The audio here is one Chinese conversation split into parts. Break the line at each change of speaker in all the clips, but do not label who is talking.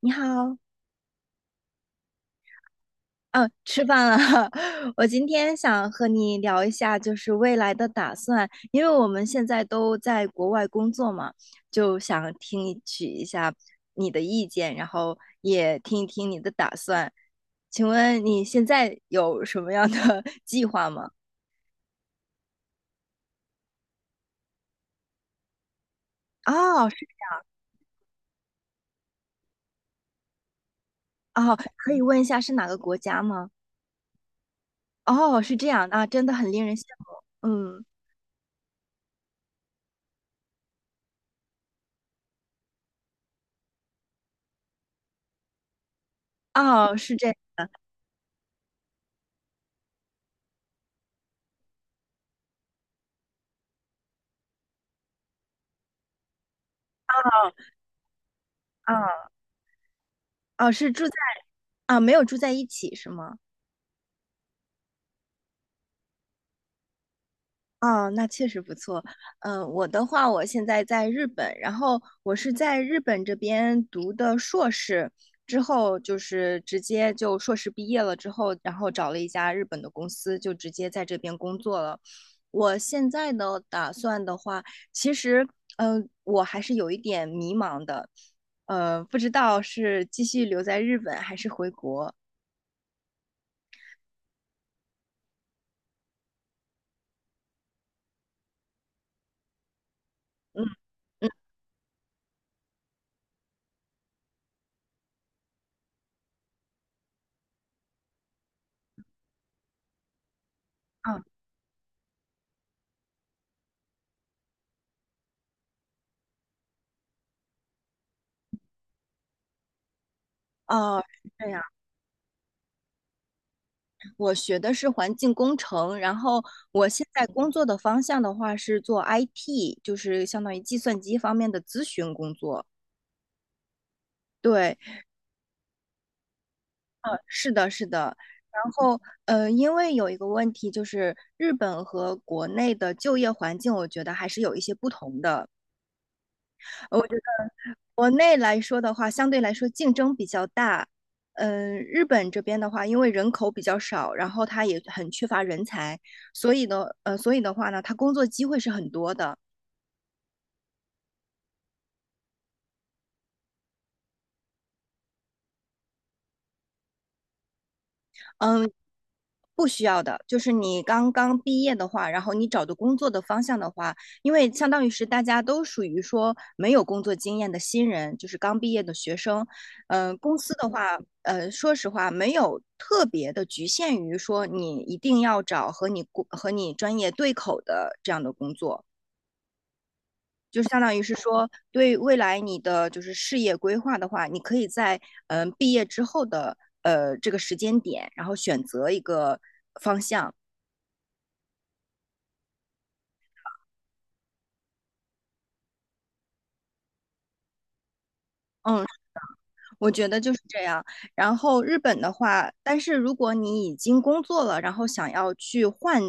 你好，嗯，吃饭了。我今天想和你聊一下，就是未来的打算，因为我们现在都在国外工作嘛，就想听一下你的意见，然后也听一听你的打算。请问你现在有什么样的 计划吗？哦，是。哦，可以问一下是哪个国家吗？哦，是这样啊，真的很令人羡慕。嗯，哦，是这啊。哦，是住在。啊，没有住在一起是吗？哦，那确实不错。我的话，我现在在日本，然后我是在日本这边读的硕士，之后就是直接就硕士毕业了之后，然后找了一家日本的公司，就直接在这边工作了。我现在呢，打算的话，其实，我还是有一点迷茫的，不知道是继续留在日本还是回国。嗯。啊。哦，是这样。我学的是环境工程，然后我现在工作的方向的话是做 IT，就是相当于计算机方面的咨询工作。对。是的，是的。然后，因为有一个问题就是，日本和国内的就业环境，我觉得还是有一些不同的。我觉得国内来说的话，相对来说竞争比较大。嗯，日本这边的话，因为人口比较少，然后它也很缺乏人才，所以呢，所以的话呢，它工作机会是很多的。嗯，不需要的，就是你刚刚毕业的话，然后你找的工作的方向的话，因为相当于是大家都属于说没有工作经验的新人，就是刚毕业的学生。公司的话，说实话，没有特别的局限于说你一定要找和你工和你专业对口的这样的工作。就是相当于是说，对未来你的就是事业规划的话，你可以在毕业之后的这个时间点，然后选择一个我觉得就是这样。然后日本的话，但是如果你已经工作了，然后想要去换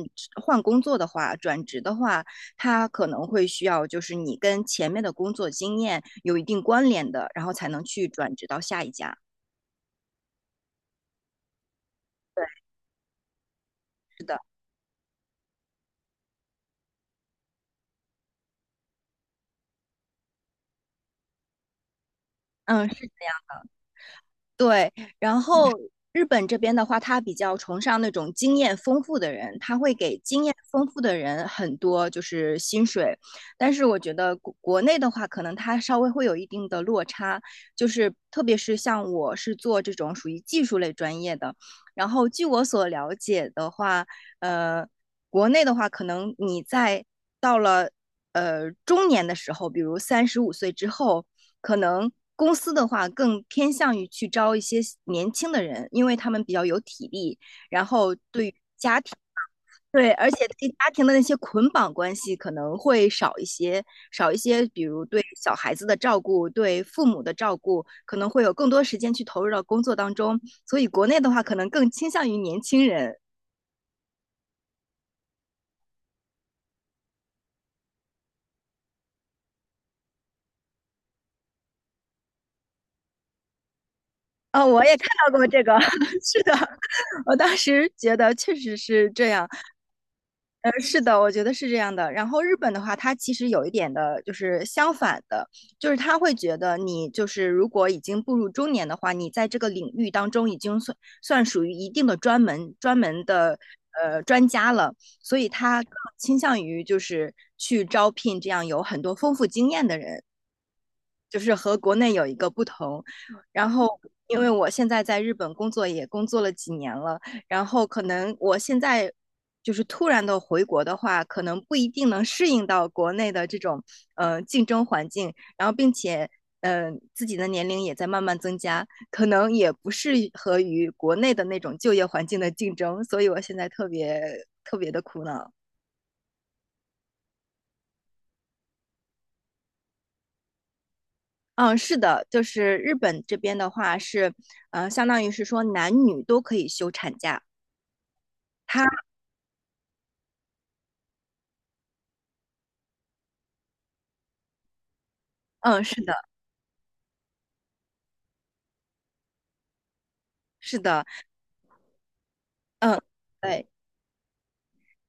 换工作的话，转职的话，它可能会需要就是你跟前面的工作经验有一定关联的，然后才能去转职到下一家。对，嗯，是。对，然后日本这边的话，他比较崇尚那种经验丰富的人，他会给经验丰富的人很多就是薪水，但是我觉得国内的话，可能他稍微会有一定的落差，就是特别是像我是做这种属于技术类专业的，然后据我所了解的话，呃，国内的话，可能你在到了中年的时候，比如35岁之后，可能公司的话更偏向于去招一些年轻的人，因为他们比较有体力，然后对。对，而且对家庭的那些捆绑关系可能会少一些，少一些，比如对小孩子的照顾，对父母的照顾，可能会有更多时间去投入到工作当中。所以国内的话，可能更倾向于年轻人。哦，我也看到过这个，是的，我当时觉得确实是这样。是的，我觉得是这样的。然后日本的话，它其实有一点的，就是相反的，就是他会觉得你就是如果已经步入中年的话，你在这个领域当中已经算属于一定的专门的专家了，所以他更倾向于就是去招聘这样有很多丰富经验的人。就是和国内有一个不同。然后，因为我现在在日本工作也工作了几年了，然后可能我现在就是突然的回国的话，可能不一定能适应到国内的这种竞争环境，然后并且。自己的年龄也在慢慢增加，可能也不适合于国内的那种就业环境的竞争，所以我现在特别特别的苦恼。嗯，是的，就是日本这边的话是，相当于是说男女都可以休产假。他，嗯，是的，是的，嗯，对。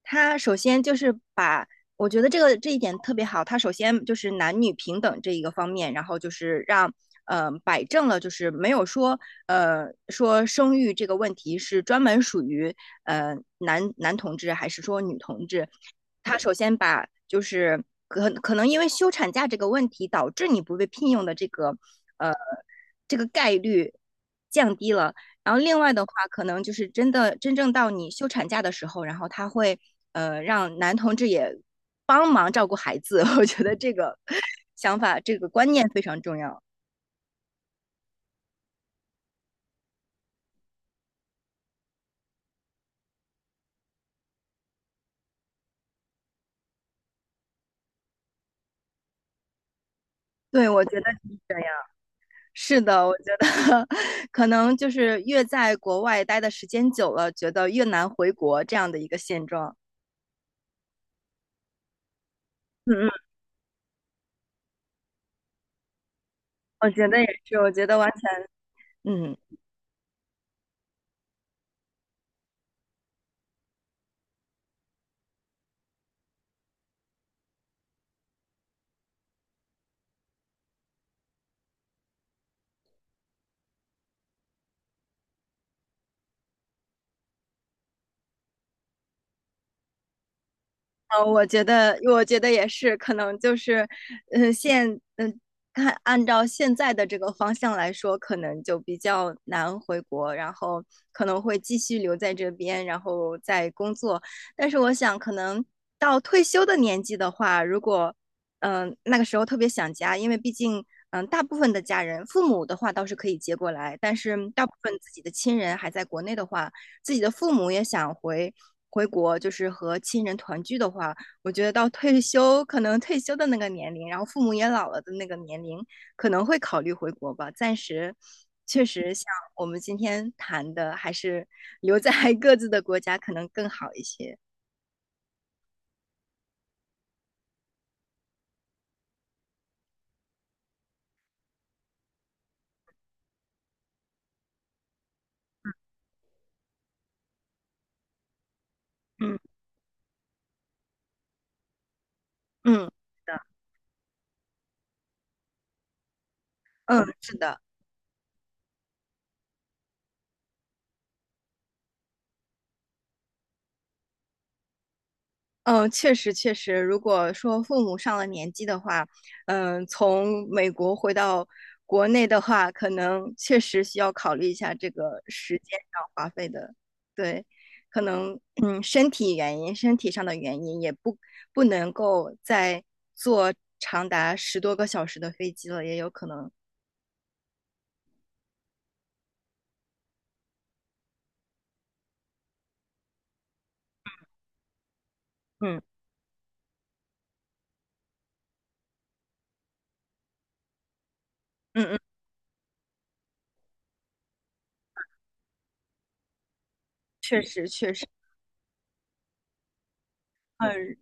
他首先就是把，我觉得这个这一点特别好。他首先就是男女平等这一个方面，然后就是让摆正了，就是没有说说生育这个问题是专门属于呃男男同志还是说女同志。他首先把就是可能因为休产假这个问题导致你不被聘用的这个呃这个概率降低了。然后另外的话，可能就是真的真正到你休产假的时候，然后他会让男同志也帮忙照顾孩子。我觉得这个想法、这个观念非常重要。对，我觉得是这样。是的，我觉得 可能就是越在国外待的时间久了，觉得越难回国这样的一个现状。嗯嗯，我觉得也是，我觉得完全，嗯，嗯，我觉得，我觉得也是，可能就是，嗯，现，嗯，看按照现在的这个方向来说，可能就比较难回国，然后可能会继续留在这边，然后再工作。但是我想，可能到退休的年纪的话，如果，嗯，那个时候特别想家，因为毕竟，嗯，大部分的家人，父母的话倒是可以接过来，但是大部分自己的亲人还在国内的话。自己的父母也想回国，就是和亲人团聚的话，我觉得到退休可能退休的那个年龄，然后父母也老了的那个年龄，可能会考虑回国吧。暂时确实像我们今天谈的，还是留在 各自的国家可能更好一些。嗯嗯，是的，嗯，是的。嗯，确实确实，如果说父母上了年纪的话，嗯，从美国回到国内的话，可能确实需要考虑一下这个时间上花费的，对，可能嗯，身体原因、身体上的原因也不能够再坐长达10多个小时的飞机了，也有可能，嗯嗯嗯，确实确实，嗯，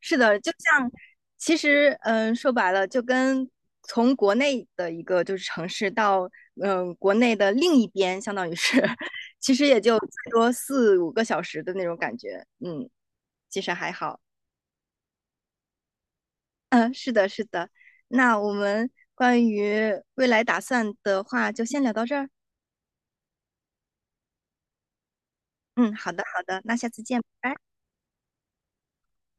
是的，就像其实，嗯，说白了，就跟从国内的一个就是城市到国内的另一边，相当于是，其实也就最多4、5个小时的那种感觉，嗯，其实还好。嗯，是的，是的。那我们关于未来打算的话，就先聊到这儿。嗯，好的，好的，那下次见，拜拜。